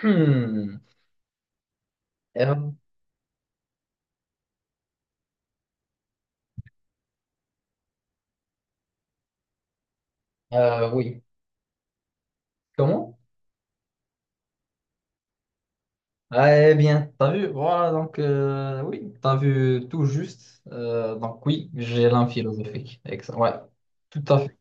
Hmm. Euh, oui. Comment? Ah, eh bien, t'as vu, voilà, donc oui, t'as vu tout juste. Donc oui, j'ai l'âme philosophique. Excellent. Ouais, tout à fait.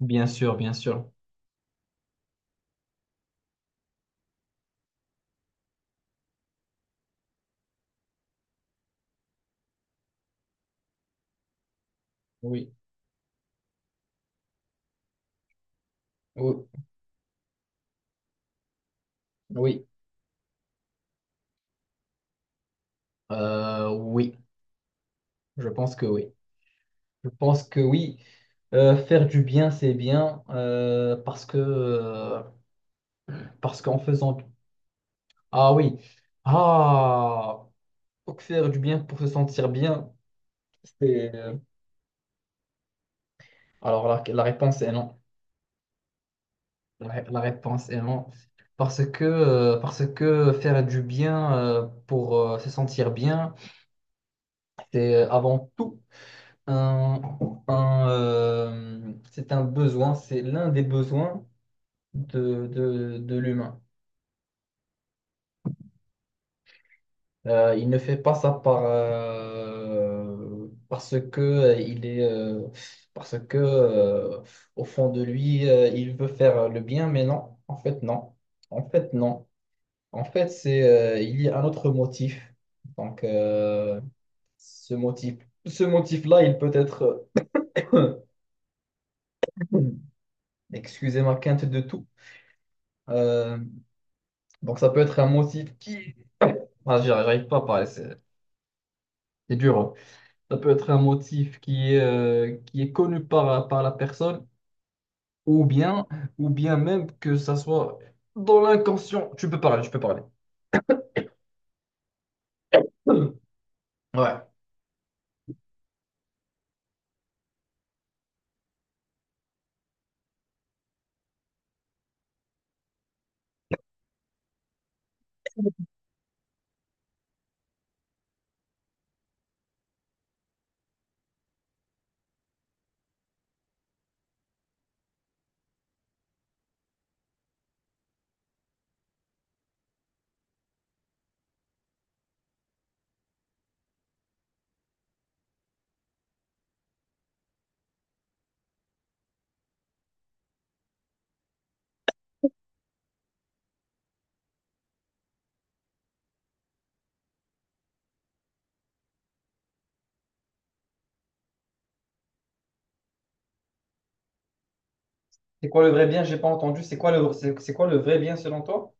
Bien sûr, bien sûr. Oui, oui, oui. Oui, je pense que oui. Je pense que oui. Faire du bien, c'est bien parce que parce qu'en faisant ah oui, ah, donc faire du bien pour se sentir bien. C'est Alors la réponse est non. La réponse est non. Parce que faire du bien pour se sentir bien, c'est avant tout un, un, c'est un besoin, c'est l'un des besoins de l'humain. Il ne fait pas ça par, parce que il est, parce que au fond de lui, il veut faire le bien, mais non, en fait non. En fait, non. En fait, il y a un autre motif. Donc, euh, ce motif, ce motif-là, il peut être, excusez ma quinte de tout. Euh, donc, ça peut être un motif qui, ah, j'arrive pas à parler, c'est dur, hein. Ça peut être un motif qui est connu par la personne, ou bien, ou bien même que ça soit dans l'inconscient. Tu peux parler, tu peux parler. Ouais. C'est quoi le vrai bien? J'ai pas entendu. C'est quoi le vrai bien selon toi?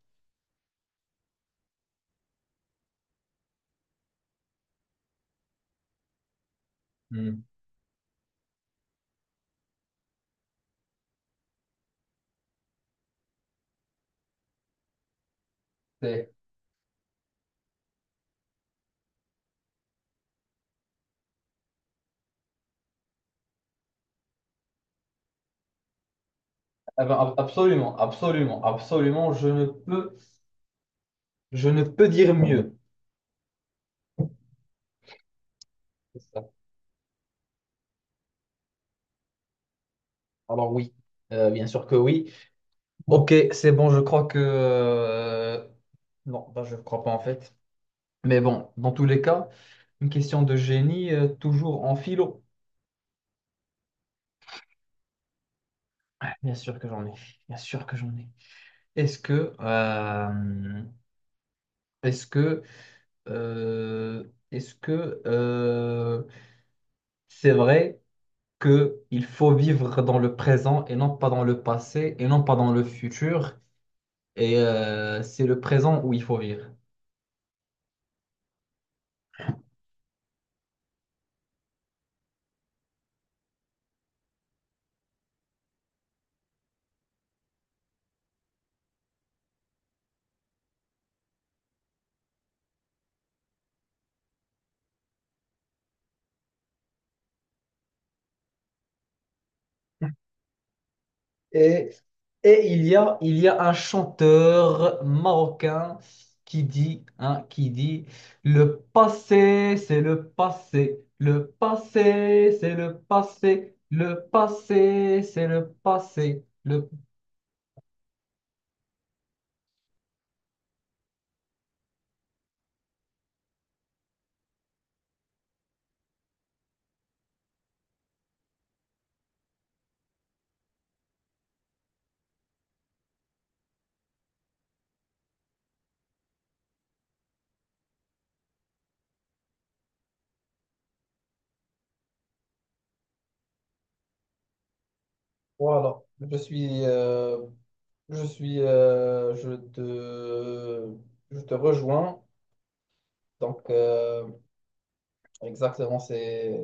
Hmm. C'est- Ah ben, absolument, absolument, absolument, je ne peux dire mieux. C'est ça. Alors oui, bien sûr que oui. Ok, c'est bon, Non, bah, je ne crois pas en fait. Mais bon, dans tous les cas, une question de génie, toujours en philo. Ah, bien sûr que j'en ai, bien sûr que j'en ai. Est-ce que... Est-ce que... euh, Est-ce que... C'est vrai que il faut vivre dans le présent et non pas dans le passé et non pas dans le futur. C'est le présent où il faut vivre. Et, et il y a un chanteur marocain qui dit, hein, qui dit, le passé, c'est le passé, c'est le passé, c'est le passé, le… Voilà, je suis, euh, je suis, euh, je te, je te rejoins. Donc, euh, Exactement,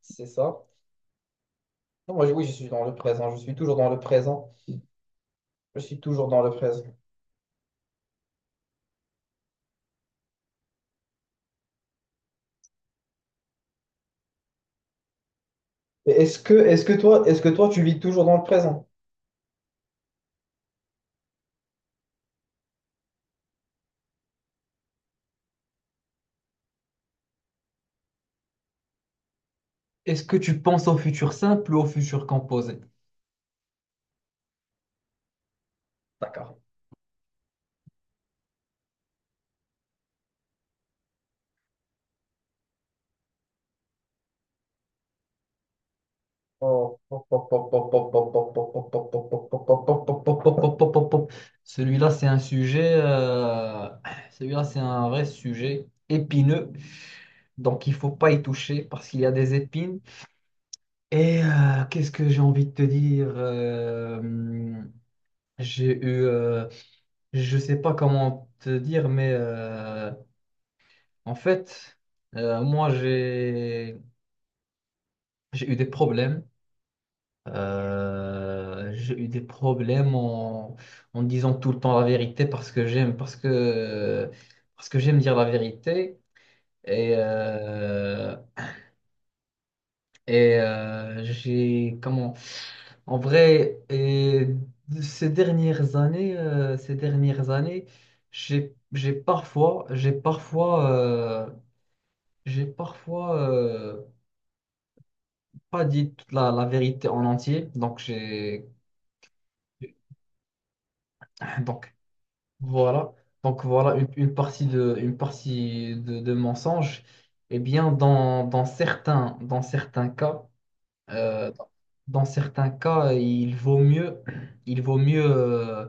c'est ça. Non, oui, je suis dans le présent. Je suis toujours dans le présent. Je suis toujours dans le présent. Est-ce que toi, tu vis toujours dans le présent? Est-ce que tu penses au futur simple ou au futur composé? D'accord. Celui-là, c'est un sujet. euh, Celui-là, c'est un vrai sujet épineux. Donc, il faut pas y toucher parce qu'il y a des épines. Et qu'est-ce que j'ai envie de te dire? J'ai eu. Je sais pas comment te dire, mais en fait, moi, j'ai eu des problèmes. J'ai eu des problèmes en disant tout le temps la vérité parce que j'aime dire la vérité. Et, euh, et euh, j'ai, comment, En vrai, et ces dernières années, j'ai parfois, j'ai parfois, j'ai parfois pas dit toute la vérité en entier. Donc, Voilà. Donc voilà une partie une partie de mensonge. Eh bien, euh, dans certains cas, il vaut mieux, il vaut mieux, euh,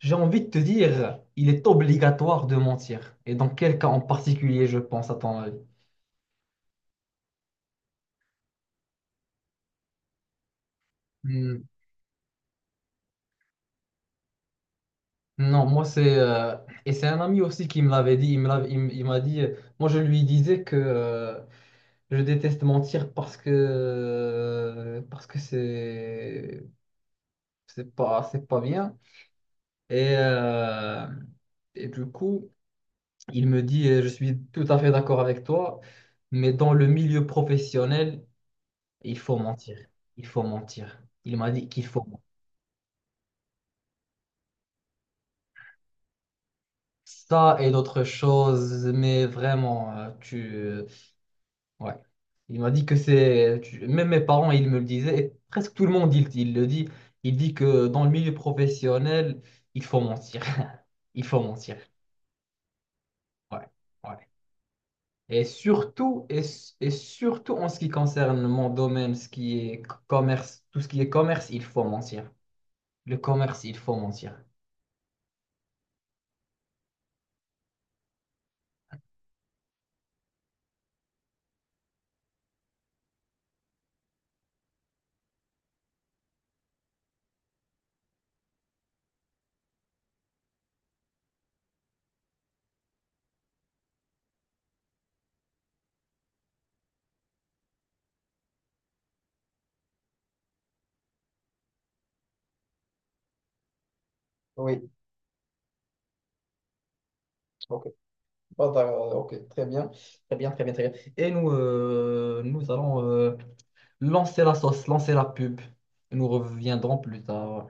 j'ai envie de te dire, il est obligatoire de mentir. Et dans quel cas en particulier, je pense, à ton avis? Hmm. Non, moi c'est et c'est un ami aussi qui me l'avait dit. Il me l'avait- il m- Il m'a dit. Moi je lui disais que je déteste mentir parce que c'est pas bien. Et euh, et du coup il me dit, je suis tout à fait d'accord avec toi, mais dans le milieu professionnel il faut mentir, il faut mentir, il m'a dit qu'il faut mentir. Ça et d'autres choses, mais vraiment tu ouais. Il m'a dit que même mes parents, ils me le disaient, et presque tout le monde, il le dit, il dit que dans le milieu professionnel, il faut mentir. Il faut mentir. Ouais, ouais. Et surtout, et surtout en ce qui concerne mon domaine, ce qui est commerce, tout ce qui est commerce, il faut mentir. Le commerce, il faut mentir. Oui, ok. Ok, très bien. Très bien, très bien, très bien. Et nous, nous allons lancer la sauce, lancer la pub. Nous reviendrons plus tard.